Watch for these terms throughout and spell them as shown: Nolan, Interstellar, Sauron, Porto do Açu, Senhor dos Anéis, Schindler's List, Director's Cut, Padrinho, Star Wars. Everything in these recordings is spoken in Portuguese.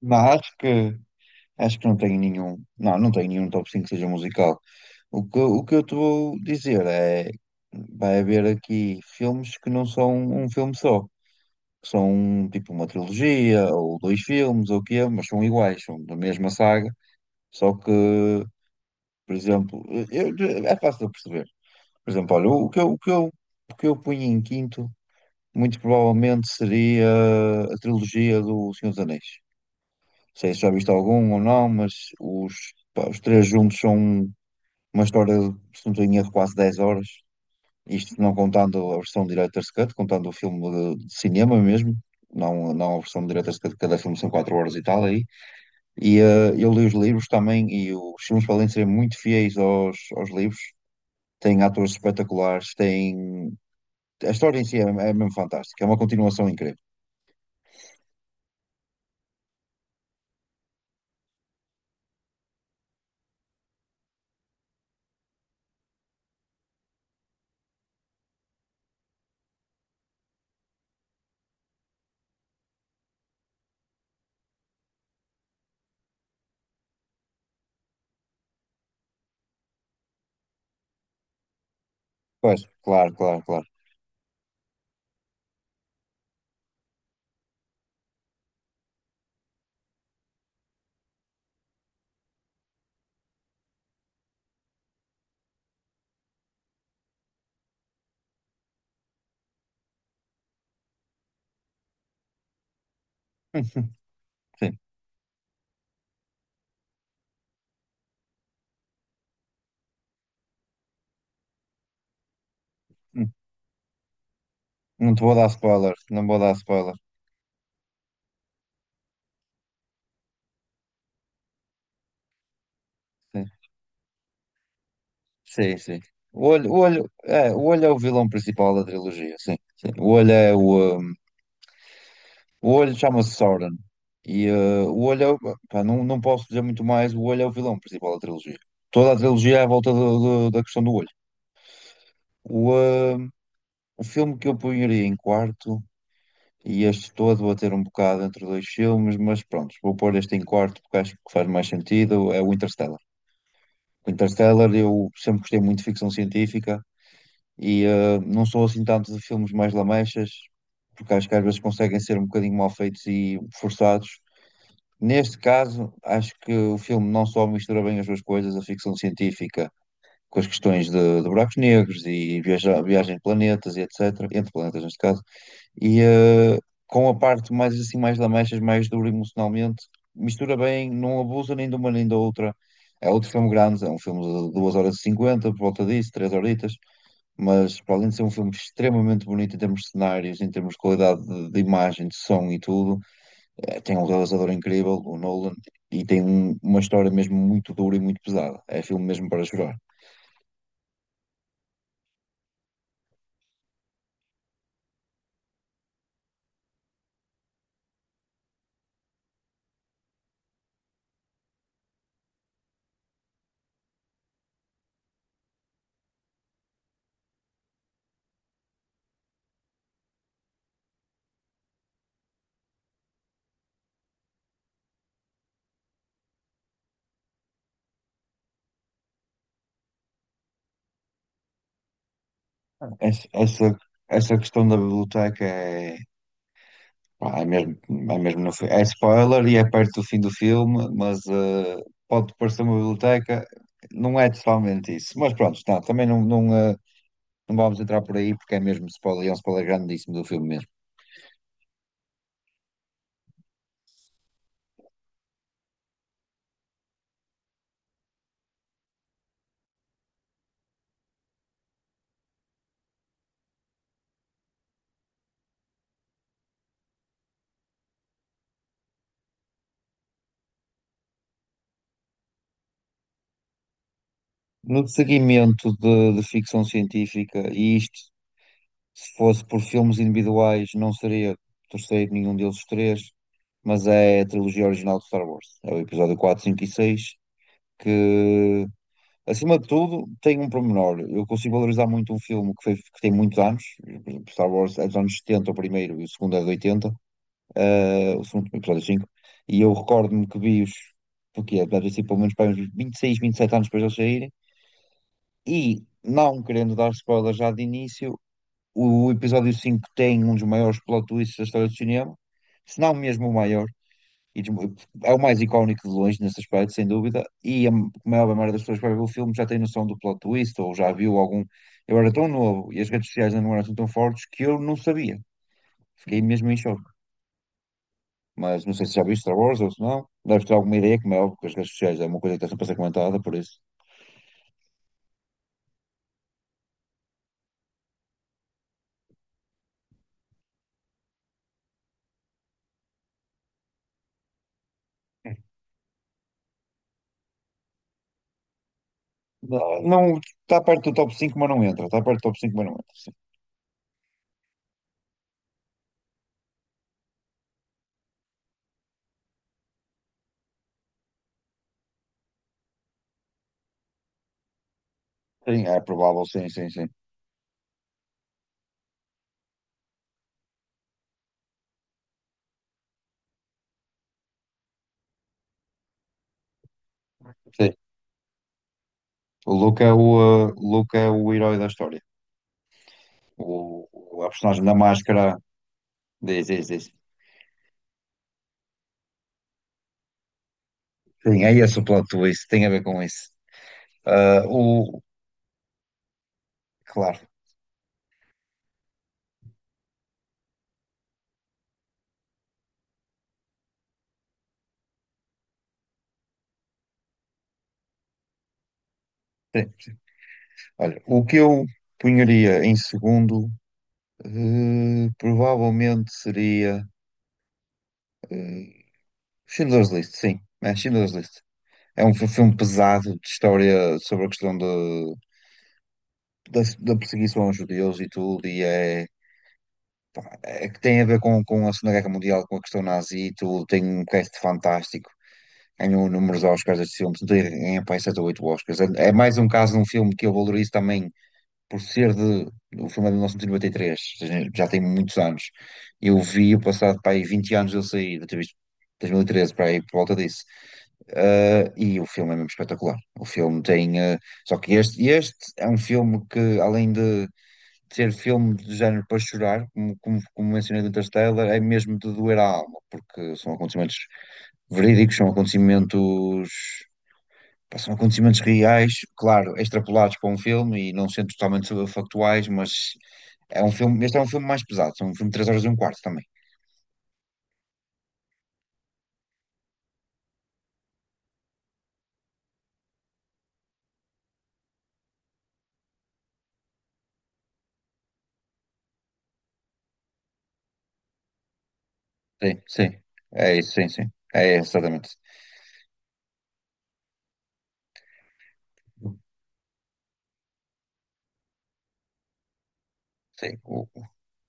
Não, acho que não tenho nenhum. Não, não tenho nenhum top 5 que seja musical. O que eu te vou dizer é. Vai haver aqui filmes que não são um filme só. Que são um, tipo uma trilogia, ou dois filmes, ou o quê, mas são iguais, são da mesma saga. Só que, por exemplo, é fácil de perceber. Por exemplo, olha, o que eu, o que eu, o que eu punho em quinto, muito provavelmente seria a trilogia do Senhor dos Anéis. Não sei se já viste algum ou não, mas pá, os três juntos são uma história, de, se não tenho erro, quase 10 horas. Isto não contando a versão Director's Cut, contando o filme de cinema mesmo, não, não a versão de Director's Cut, cada filme são 4 horas e tal aí. E eu li os livros também, e os filmes podem ser muito fiéis aos livros. Tem atores espetaculares, tem. A história em si é mesmo fantástica, é uma continuação incrível. Pois, claro, claro, claro. Sim. Hum, não te vou dar spoiler, não vou dar spoiler. Sim, sim. O olho é o vilão principal da trilogia, sim, sim. O olho é o. O olho chama-se Sauron. E o olho é. Pá, não, não posso dizer muito mais. O olho é o vilão principal da trilogia. Toda a trilogia é à volta da questão do olho. O, um, o filme que eu punharia em quarto, e este todo vou ter um bocado entre dois filmes, mas pronto, vou pôr este em quarto porque acho que faz mais sentido. É o Interstellar. O Interstellar, eu sempre gostei muito de ficção científica. E não sou assim tanto de filmes mais lamechas, porque acho que às vezes conseguem ser um bocadinho mal feitos e forçados. Neste caso, acho que o filme não só mistura bem as duas coisas, a ficção científica com as questões de buracos negros e viagem de planetas e etc., entre planetas neste caso, e com a parte mais assim, mais lamechas, mais dura emocionalmente, mistura bem, não abusa nem de uma nem da outra. É outro filme grande, é um filme de 2 horas e 50 por volta disso, 3 horitas. Mas para além de ser um filme extremamente bonito em termos de cenários, em termos de qualidade de imagem, de som e tudo, tem um realizador incrível, o Nolan, e tem uma história mesmo muito dura e muito pesada. É filme mesmo para chorar. Essa, essa, essa questão da biblioteca é, pá, é mesmo no, fi- é spoiler e é perto do fim do filme, mas pode parecer uma biblioteca, não é totalmente isso. Mas pronto, tá, também não, não vamos entrar por aí porque é mesmo spoiler, e é um spoiler grandíssimo do filme mesmo. No seguimento de ficção científica, e isto, se fosse por filmes individuais, não seria terceiro nenhum deles os três, mas é a trilogia original de Star Wars. É o episódio 4, 5 e 6 que, acima de tudo, tem um pormenor. Eu consigo valorizar muito um filme que tem muitos anos. Por exemplo, Star Wars é dos anos 70 o primeiro, e o segundo é de 80, o segundo episódio cinco. E eu recordo-me que vi-os, porque deve ter sido pelo menos para uns 26, 27 anos depois de eles saírem. E, não querendo dar spoiler já de início, o episódio 5 tem um dos maiores plot twists da história do cinema, se não mesmo o maior, e é o mais icónico de longe nesse aspecto, sem dúvida, e a maior maioria das pessoas que vai ver o filme já tem noção do plot twist, ou já viu algum. Eu era tão novo e as redes sociais ainda não eram assim tão fortes que eu não sabia. Fiquei mesmo em choque. Mas não sei se já viste Star Wars ou se não. Deves ter alguma ideia, como é óbvio, porque as redes sociais é uma coisa que está sempre a ser comentada, por isso. Não, está perto do top 5 mas não entra. Está perto do top 5 mas não entra. Sim, é provável, sim, sim, sim. Sim. O Luke é o herói da história. O, a personagem da máscara diz. Sim, é esse o plot twist, tem a ver com isso. Ah, claro, sim. Olha, o que eu punharia em segundo, provavelmente seria eh, Schindler's List, sim, é Schindler's List. É um filme pesado de história sobre a questão da perseguição aos judeus e tudo, e é que tem a ver com a Segunda Guerra Mundial, com a questão nazi e tudo, tem um cast fantástico, ganhou inúmeros Oscars estes filmes, ganha para aí 7 ou 8 Oscars. É mais um caso de um filme que eu valorizo também por ser de. O filme é de 1993, ou seja, já tem muitos anos. Eu vi o passado para aí 20 anos eu saí, eu ter visto 2013 para aí por volta disso. E o filme é mesmo espetacular. O filme tem. Só que este é um filme que, além de ser filme de género para chorar, como mencionei do Interstellar, é mesmo de doer a alma, porque são acontecimentos verídicos, pá, são acontecimentos reais, claro, extrapolados para um filme e não sendo totalmente factuais, mas este é um filme mais pesado, é um filme de 3 horas e um quarto também. Sim, sim, é isso, sim, sim, é exatamente. Sim, o-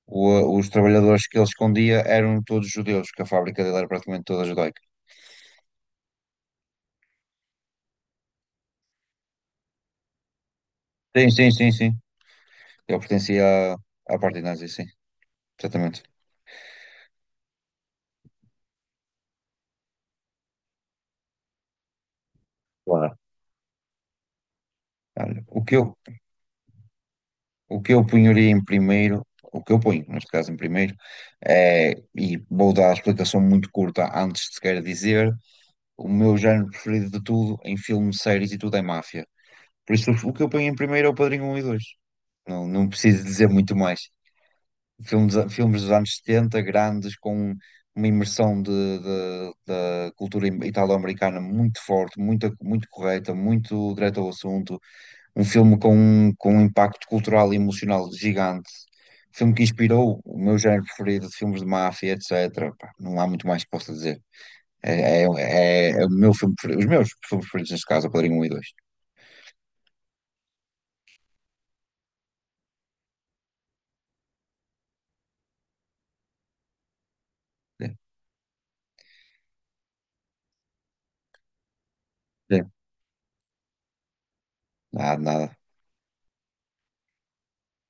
o- os trabalhadores que ele escondia eram todos judeus, que a fábrica dele era praticamente toda judaica. Sim, sim, sim, sim. Ele pertencia à parte nazi, sim. Exatamente. Claro. Olha, o que eu punharia em primeiro, o que eu ponho, neste caso, em primeiro, e vou dar a explicação muito curta antes de sequer dizer, o meu género preferido de tudo em filmes, séries e tudo é máfia. Por isso, o que eu ponho em primeiro é o Padrinho Um e Dois. Não, não preciso dizer muito mais. Filmes dos anos 70 grandes, com uma imersão da cultura italo-americana muito forte, muito, muito correta, muito direta ao assunto, um filme com um impacto cultural e emocional gigante, um filme que inspirou o meu género preferido de filmes de máfia, etc. Pá, não há muito mais que possa dizer. É o meu filme preferido, os meus filmes preferidos neste caso, é o Padrinho 1 e dois. É, é. Nada, nada.